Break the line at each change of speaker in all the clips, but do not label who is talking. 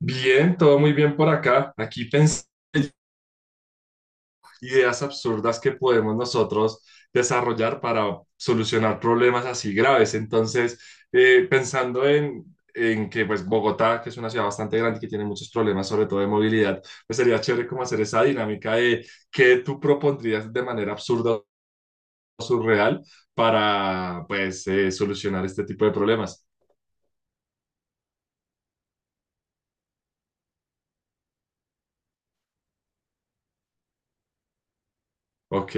Bien, todo muy bien por acá. Aquí pensé en ideas absurdas que podemos nosotros desarrollar para solucionar problemas así graves. Entonces, pensando en que pues Bogotá, que es una ciudad bastante grande y que tiene muchos problemas, sobre todo de movilidad, pues sería chévere como hacer esa dinámica de qué tú propondrías de manera absurda o surreal para pues solucionar este tipo de problemas. ¿Ok?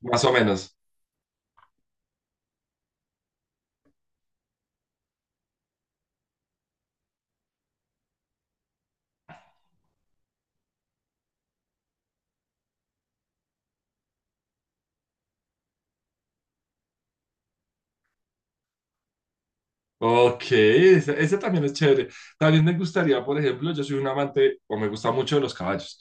Más o menos. Ok, ese también es chévere. También me gustaría, por ejemplo, yo soy un amante o me gusta mucho de los caballos.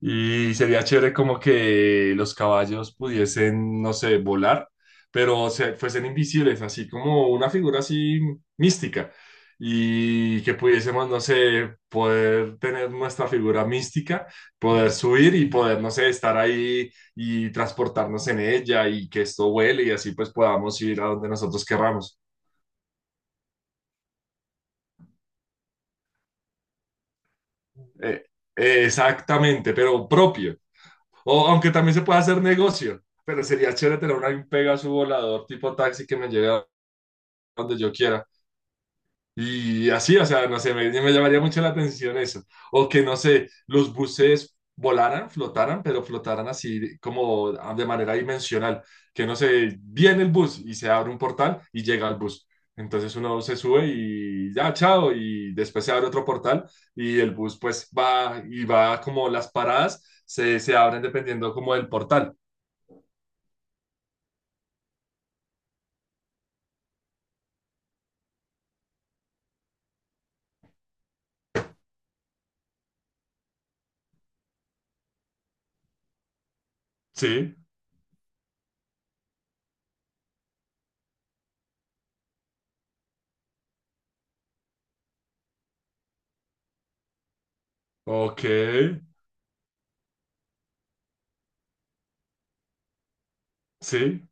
Y sería chévere como que los caballos pudiesen, no sé, volar, pero se, fuesen invisibles, así como una figura así mística. Y que pudiésemos, no sé, poder tener nuestra figura mística, poder subir y poder, no sé, estar ahí y transportarnos en ella y que esto vuele y así pues podamos ir a donde nosotros querramos. Eh, exactamente, pero propio. O aunque también se puede hacer negocio, pero sería chévere tener un Pegasus volador tipo taxi que me lleve a donde yo quiera. Y así, o sea, no sé, me llamaría mucho la atención eso. O que, no sé, los buses volaran, flotaran, pero flotaran así como ah, de manera dimensional. Que, no sé, viene el bus y se abre un portal y llega al bus. Entonces uno se sube y ya, chao, y después se abre otro portal y el bus pues va y va como las paradas se abren dependiendo como del portal. Sí, ok, sí.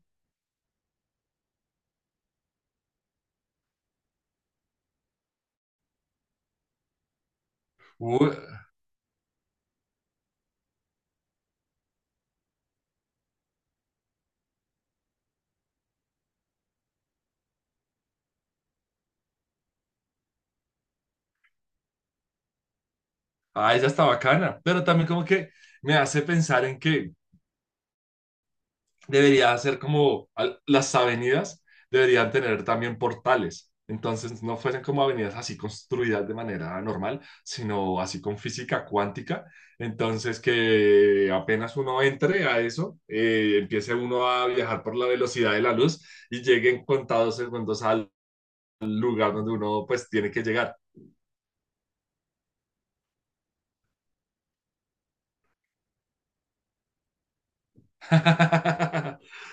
Ah, esa está bacana, pero también como que me hace pensar en que debería ser como al- las avenidas deberían tener también portales. Entonces no fuesen como avenidas así construidas de manera normal, sino así con física cuántica. Entonces que apenas uno entre a eso, empiece uno a viajar por la velocidad de la luz y llegue en contados segundos al lugar donde uno pues tiene que llegar.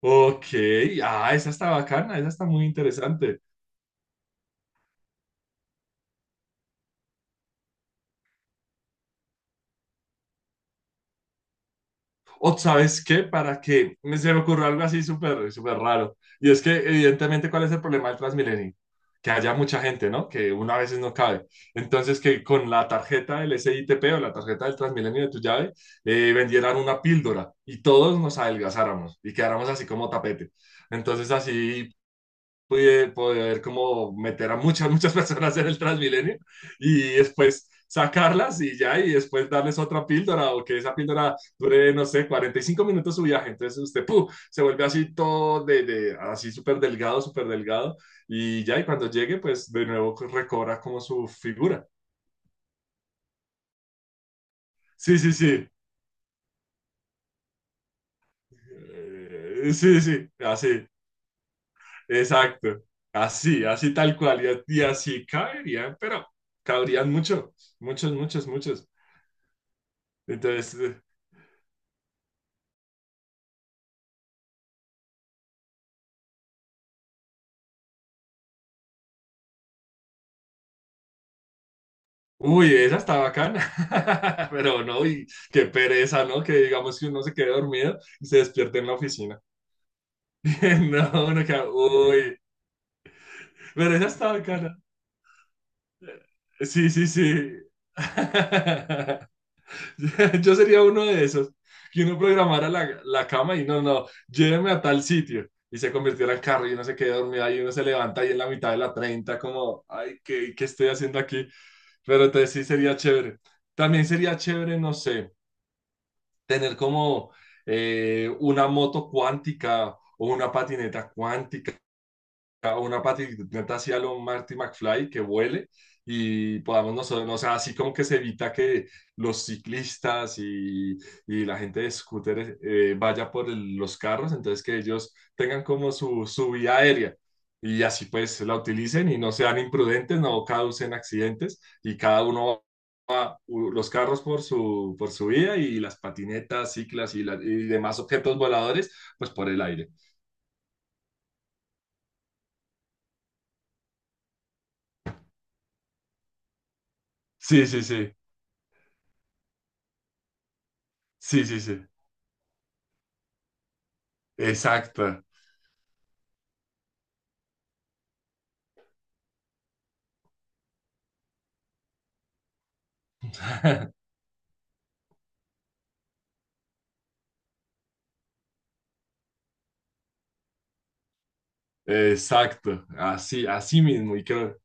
Ok, ah, esa está bacana, esa está muy interesante. O sabes qué, para que me se me ocurrió algo así súper súper raro. Y es que evidentemente cuál es el problema del Transmilenio, que haya mucha gente, ¿no? Que una a veces no cabe. Entonces que con la tarjeta del SITP o la tarjeta del Transmilenio de tu llave vendieran una píldora y todos nos adelgazáramos y quedáramos así como tapete. Entonces así pude poder como meter a muchas, muchas personas en el Transmilenio y después sacarlas y ya, y después darles otra píldora o que esa píldora dure, no sé, 45 minutos su viaje. Entonces usted ¡puf! Se vuelve así todo de así súper delgado y ya, y cuando llegue, pues de nuevo recobra como su figura. Sí, sí, sí. Sí, sí, así, exacto. Así, así tal cual, y así caerían, pero cabrían mucho, muchos, muchos, muchos. Entonces, uy, esa está bacana. Pero no, y qué pereza, ¿no? Que digamos que uno se quede dormido y se despierte en la oficina. No, uno queda, uy. Pero esa está bacana. Sí, sí, sí. Yo sería uno de esos. Que uno programara la cama y no, no, lléveme a tal sitio. Y se convirtiera en carro y uno se queda dormido ahí, uno se levanta ahí en la mitad de la 30 como, ay, qué estoy haciendo aquí? Pero entonces sí sería chévere. También sería chévere, no sé tener como una moto cuántica o una patineta cuántica a una patineta así a lo Marty McFly que vuele y podamos nosotros, o sea, así como que se evita que los ciclistas y la gente de scooters vaya por el- los carros, entonces que ellos tengan como su vía aérea y así pues la utilicen y no sean imprudentes, no causen accidentes y cada uno va, u- los carros por su vía y las patinetas, ciclas y, la- y demás objetos voladores pues por el aire. Sí, sí, sí, sí, sí, sí. Exacto, exacto, así, así mismo. Y creo,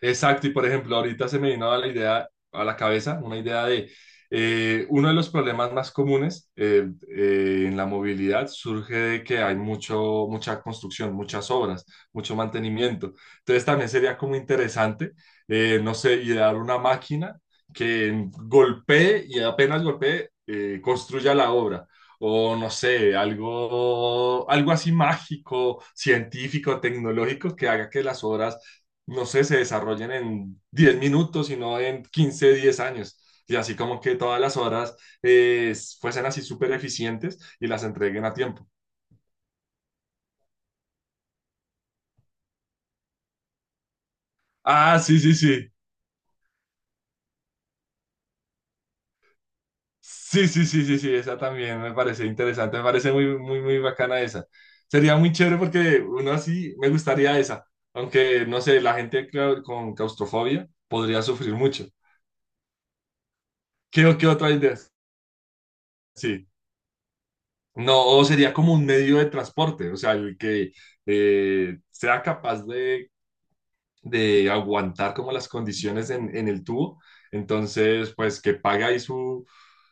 exacto, y por ejemplo, ahorita se me vino a la idea, a la cabeza, una idea de uno de los problemas más comunes en la movilidad surge de que hay mucho, mucha construcción, muchas obras, mucho mantenimiento. Entonces también sería como interesante, no sé, idear una máquina que golpee y apenas golpee, construya la obra. O no sé, algo, algo así mágico, científico, tecnológico que haga que las obras no sé, se desarrollen en 10 minutos, sino en 15 10 años. Y así como que todas las horas eh, fuesen así súper eficientes y las entreguen a tiempo. Ah, sí, sí, sí. Sí, sí, sí, sí, sí, esa también me parece interesante, me parece muy, muy, muy bacana esa. Sería muy chévere porque uno así me gustaría esa, aunque no sé, la gente clau- con claustrofobia podría sufrir mucho. ¿Qué, qué otra idea? Sí. No, o sería como un medio de transporte, o sea, el que sea capaz de aguantar como las condiciones en el tubo. Entonces, pues que pague ahí su,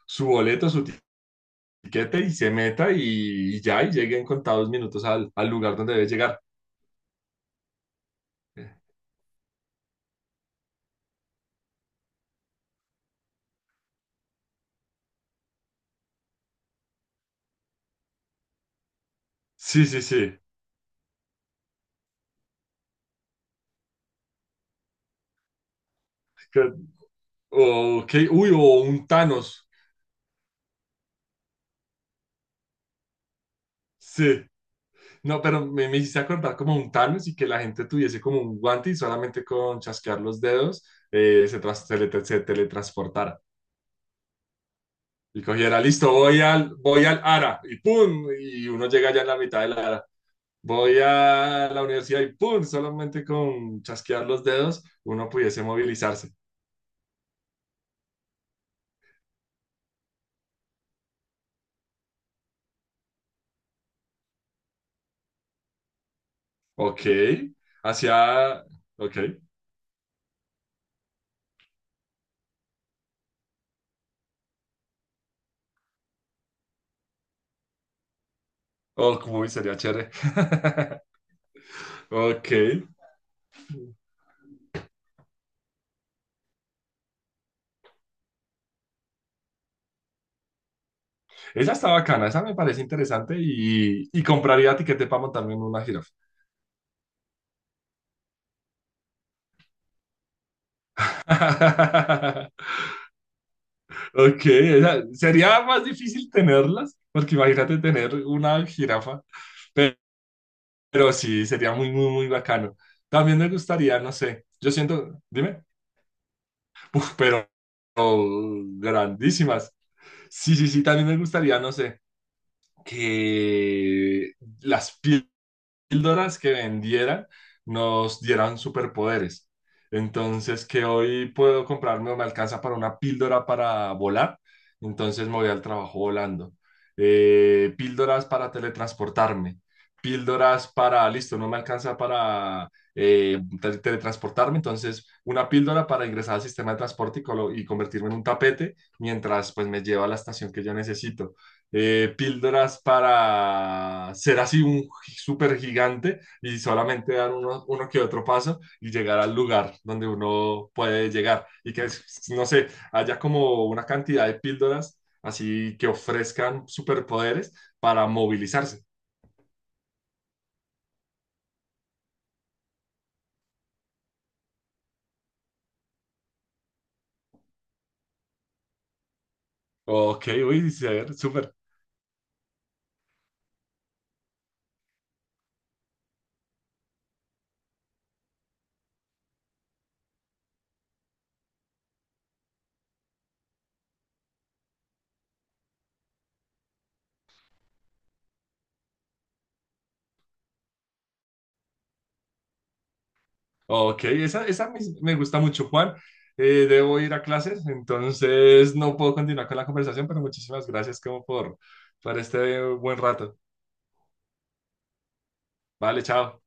su boleto, su tiquete y se meta y ya, y llegue en contados minutos al, al lugar donde debe llegar. Sí, sí, sí. Que- O, Ok, uy, o un Thanos. Sí. No, pero me hiciste acordar como un Thanos y que la gente tuviese como un guante y solamente con chasquear los dedos se, tras- se le- se teletransportara. Y cogiera, listo, voy voy al ARA y ¡pum! Y uno llega ya en la mitad del ARA. Voy a la universidad y ¡pum! Solamente con chasquear los dedos uno pudiese movilizarse. Ok, hacia... Ok. Oh, como sería chévere. Ok, esa está bacana, esa me parece interesante y compraría tiquete para montarme en una jirafa. Ok, esa- sería más difícil tenerlas, porque imagínate tener una jirafa, pe- pero, sí, sería muy, muy, muy bacano. También me gustaría, no sé, yo siento, dime, uf, pero oh, grandísimas. Sí, sí, sí, también me gustaría, no sé, que las píldoras que vendiera nos dieran superpoderes. Entonces, que hoy puedo comprarme o me alcanza para una píldora para volar, entonces me voy al trabajo volando. Píldoras para teletransportarme, píldoras para, listo, no me alcanza para te- teletransportarme, entonces una píldora para ingresar al sistema de transporte y, colo- y convertirme en un tapete mientras pues me lleva a la estación que yo necesito píldoras para ser así un súper gigante y solamente dar uno, uno que otro paso y llegar al lugar donde uno puede llegar y que, no sé, haya como una cantidad de píldoras así que ofrezcan superpoderes para movilizarse. Ok, uy, sí, a ver, súper. Ok, esa me me gusta mucho, Juan. Debo ir a clases, entonces no puedo continuar con la conversación, pero muchísimas gracias como por este buen rato. Vale, chao.